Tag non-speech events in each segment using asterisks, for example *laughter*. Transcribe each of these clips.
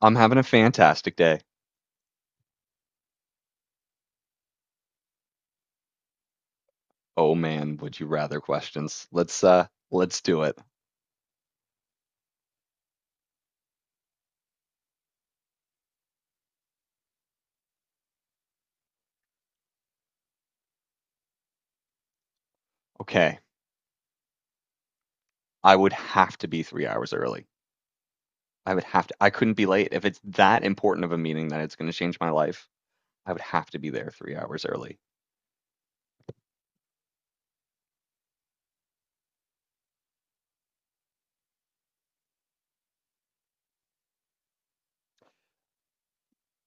I'm having a fantastic day. Oh man, would you rather questions. Let's do it. Okay. I would have to be 3 hours early. I would have to I couldn't be late. If it's that important of a meeting that it's gonna change my life, I would have to be there 3 hours early.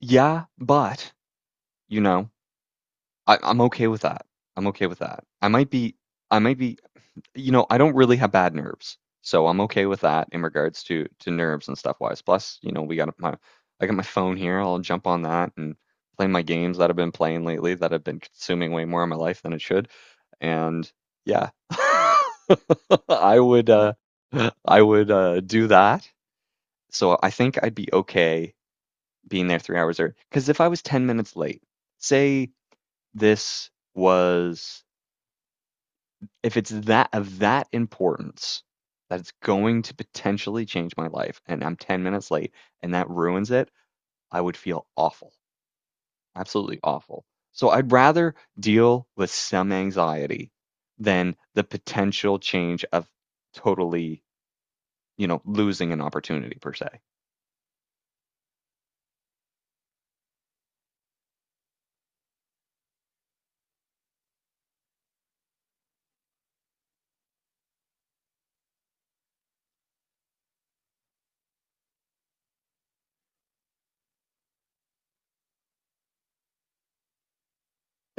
Yeah, but you know, I'm okay with that. I'm okay with that. I might be I don't really have bad nerves, so I'm okay with that in regards to nerves and stuff wise. Plus, you know, we got my I got my phone here. I'll jump on that and play my games that I've been playing lately that have been consuming way more of my life than it should. And yeah, *laughs* I would uh I would do that. So I think I'd be okay being there 3 hours early. Because if I was 10 minutes late, say this was if it's that of that importance that it's going to potentially change my life and I'm 10 minutes late and that ruins it, I would feel awful. Absolutely awful. So I'd rather deal with some anxiety than the potential change of totally, you know, losing an opportunity per se.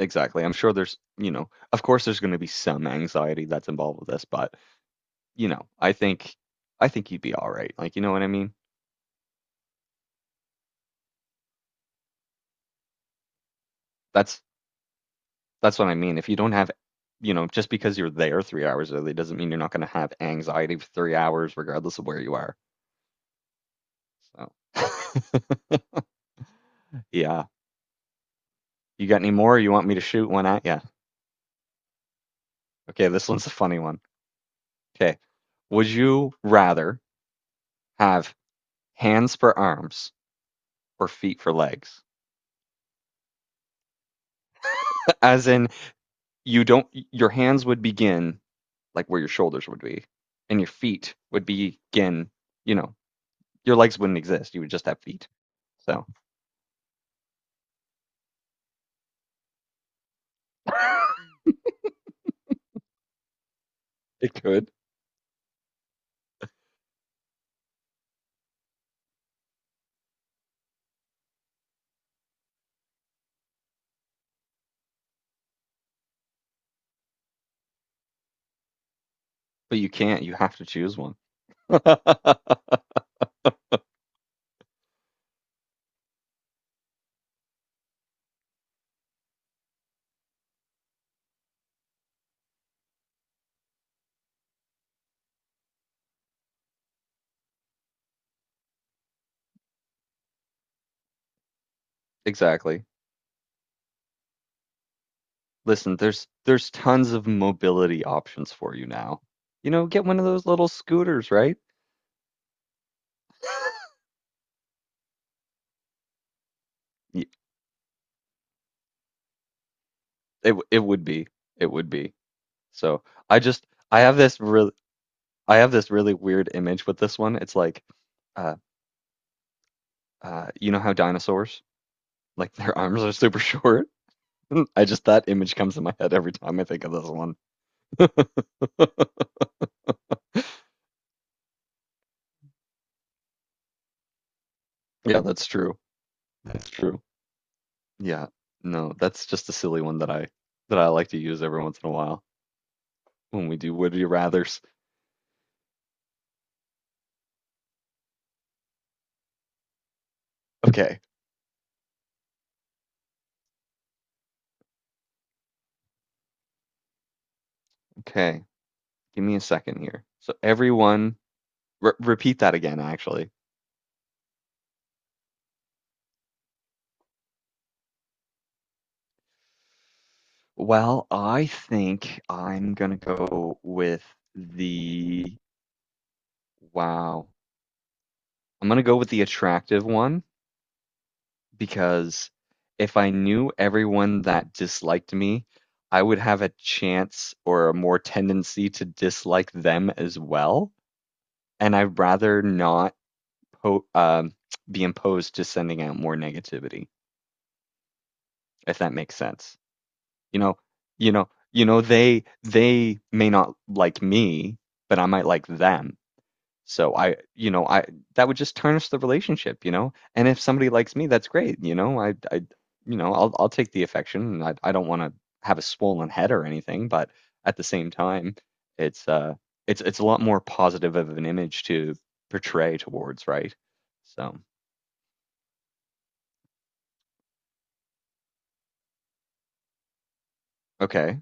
Exactly. I'm sure there's, you know, of course there's going to be some anxiety that's involved with this, but you know, I think I think you'd be all right. Like, you know what I mean? That's That's what I mean. If you don't have, you know, just because you're there 3 hours early doesn't mean you're not going to have anxiety for 3 hours, regardless of where you are. So, *laughs* yeah. You got any more? You want me to shoot one at you? Okay, this one's a funny one. Okay. Would you rather have hands for arms or feet for legs? As in, you don't, your hands would begin like where your shoulders would be, and your feet would begin, you know, your legs wouldn't exist. You would just have feet. So *laughs* it could. But you can't. You have to choose one. *laughs* Exactly. Listen, there's tons of mobility options for you now. You know, get one of those little scooters, right? Y- it would be. It would be. So I have this really I have this really weird image with this one. It's like, uh, you know how dinosaurs, like their arms are super short. *laughs* I just that image comes in my head every time I think of this one. Yeah, that's true. That's true. Yeah. No, that's just a silly one that I like to use every once in a while when we do would you rathers. Okay. Okay. Give me a second here. So everyone repeat that again actually. Well, I think I'm going to go with the wow. I'm going to go with the attractive one because if I knew everyone that disliked me, I would have a chance or a more tendency to dislike them as well. And I'd rather not po- um, be imposed to sending out more negativity, if that makes sense. You know, they may not like me, but I might like them. So I, you know, I that would just tarnish the relationship, you know. And if somebody likes me, that's great, you know. I'll take the affection. And I don't want to have a swollen head or anything, but at the same time, it's uh, it's a lot more positive of an image to portray towards, right? So okay,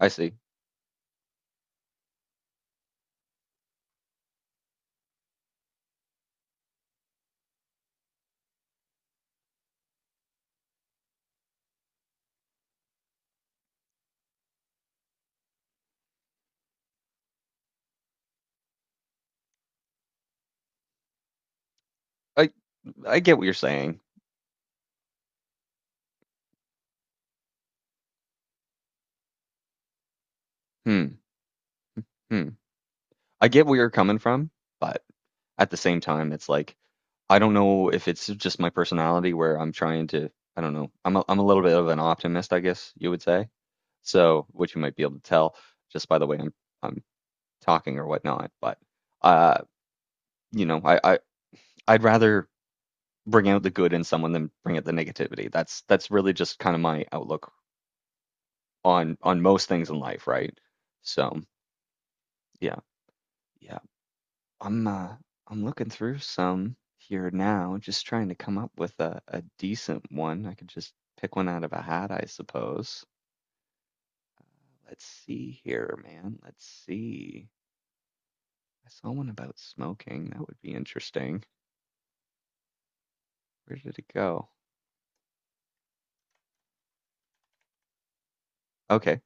I see. I I get what you're saying. Hmm, hmm. I get where you're coming from, but at the same time, it's like I don't know if it's just my personality where I'm trying to, I don't know. I'm a little bit of an optimist, I guess you would say. So, which you might be able to tell just by the way I'm talking or whatnot. But uh, you know, I'd rather bring out the good in someone than bring out the negativity. That's really just kind of my outlook on most things in life, right? So, yeah. I'm uh I'm looking through some here now, just trying to come up with a decent one. I could just pick one out of a hat, I suppose. Let's see here, man. Let's see. I saw one about smoking. That would be interesting. Where did it go? Okay.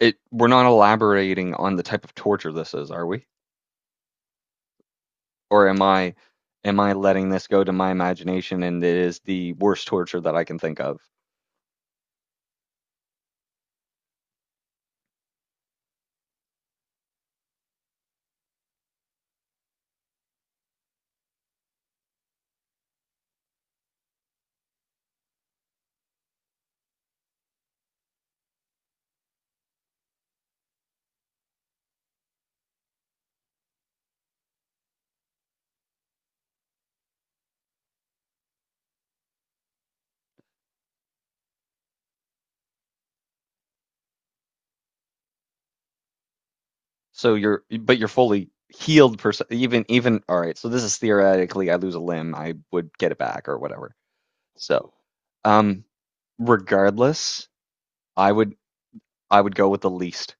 It we're not elaborating on the type of torture this is, are we? Or am I letting this go to my imagination and it is the worst torture that I can think of? So you're, but you're fully healed person. All right. So this is theoretically, I lose a limb, I would get it back or whatever. So, um, regardless, I would, I would go with the least.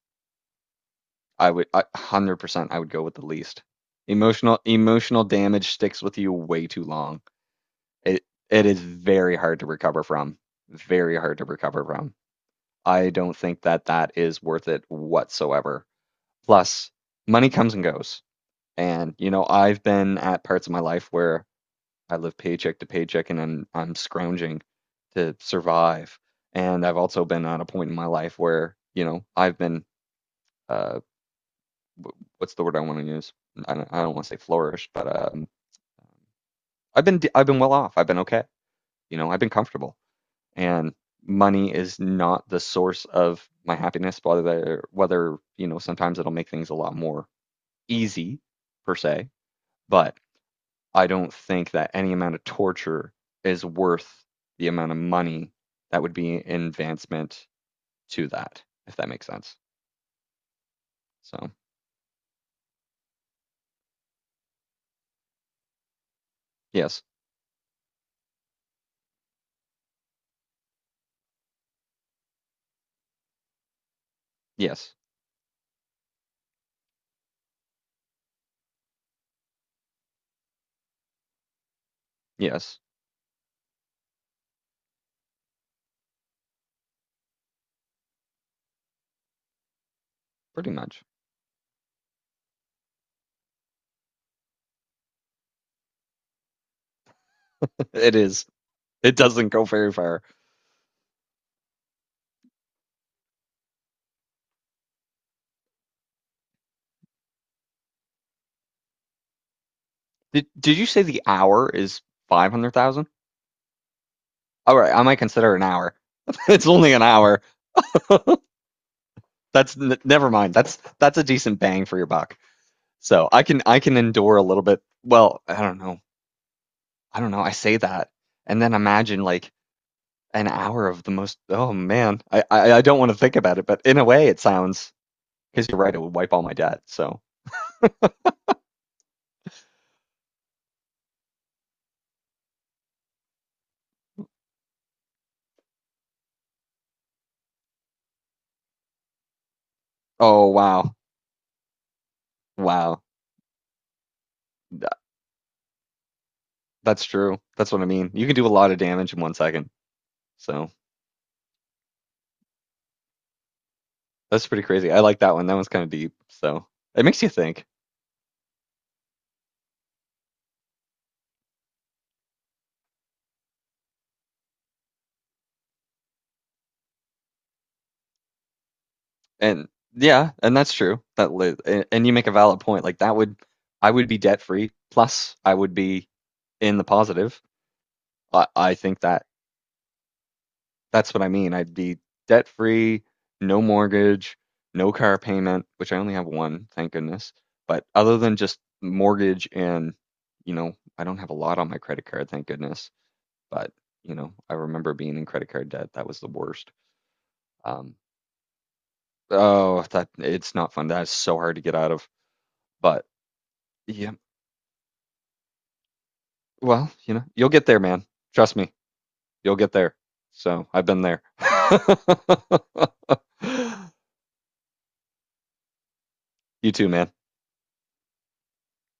100%, I would go with the least. Emotional damage sticks with you way too long. It, it is very hard to recover from. Very hard to recover from. I don't think that that is worth it whatsoever. Plus, money comes and goes. And, you know, I've been at parts of my life where I live paycheck to paycheck and I'm scrounging to survive. And I've also been at a point in my life where, you know, uh wh- what's the word I want to use? I don't want to say flourish, but um I've been well off. I've been okay. You know, I've been comfortable. And money is not the source of my happiness, whether, you know, sometimes it'll make things a lot more easy per se, but I don't think that any amount of torture is worth the amount of money that would be an advancement to that, if that makes sense. So, yes, yes, yes, pretty much. *laughs* It is. It doesn't go very far. Did you say the hour is 500,000? All right, I might consider an hour. *laughs* It's only an hour. *laughs* Never mind. That's a decent bang for your buck. So, I can endure a little bit. Well, I don't know. I don't know. I say that and then imagine like an hour of the most. Oh man, I don't want to think about it, but in a way, it sounds because you're right. It would wipe all my debt. So oh wow, wow, Th- that's true. That's what I mean. You can do a lot of damage in 1 second. So that's pretty crazy. I like that one. That one's kind of deep. So it makes you think. And yeah, and that's true. That li- a- and you make a valid point. Like that would I would be debt free. Plus, I would be in the positive. I think that that's what I mean. I'd be debt free, no mortgage, no car payment, which I only have one, thank goodness. But other than just mortgage and, you know, I don't have a lot on my credit card, thank goodness. But, you know, I remember being in credit card debt. That was the worst. Um, oh, that it's not fun. That is so hard to get out of. But yeah, well, you know, you'll get there, man. Trust me, you'll get there. So I've been there. *laughs* You too, man.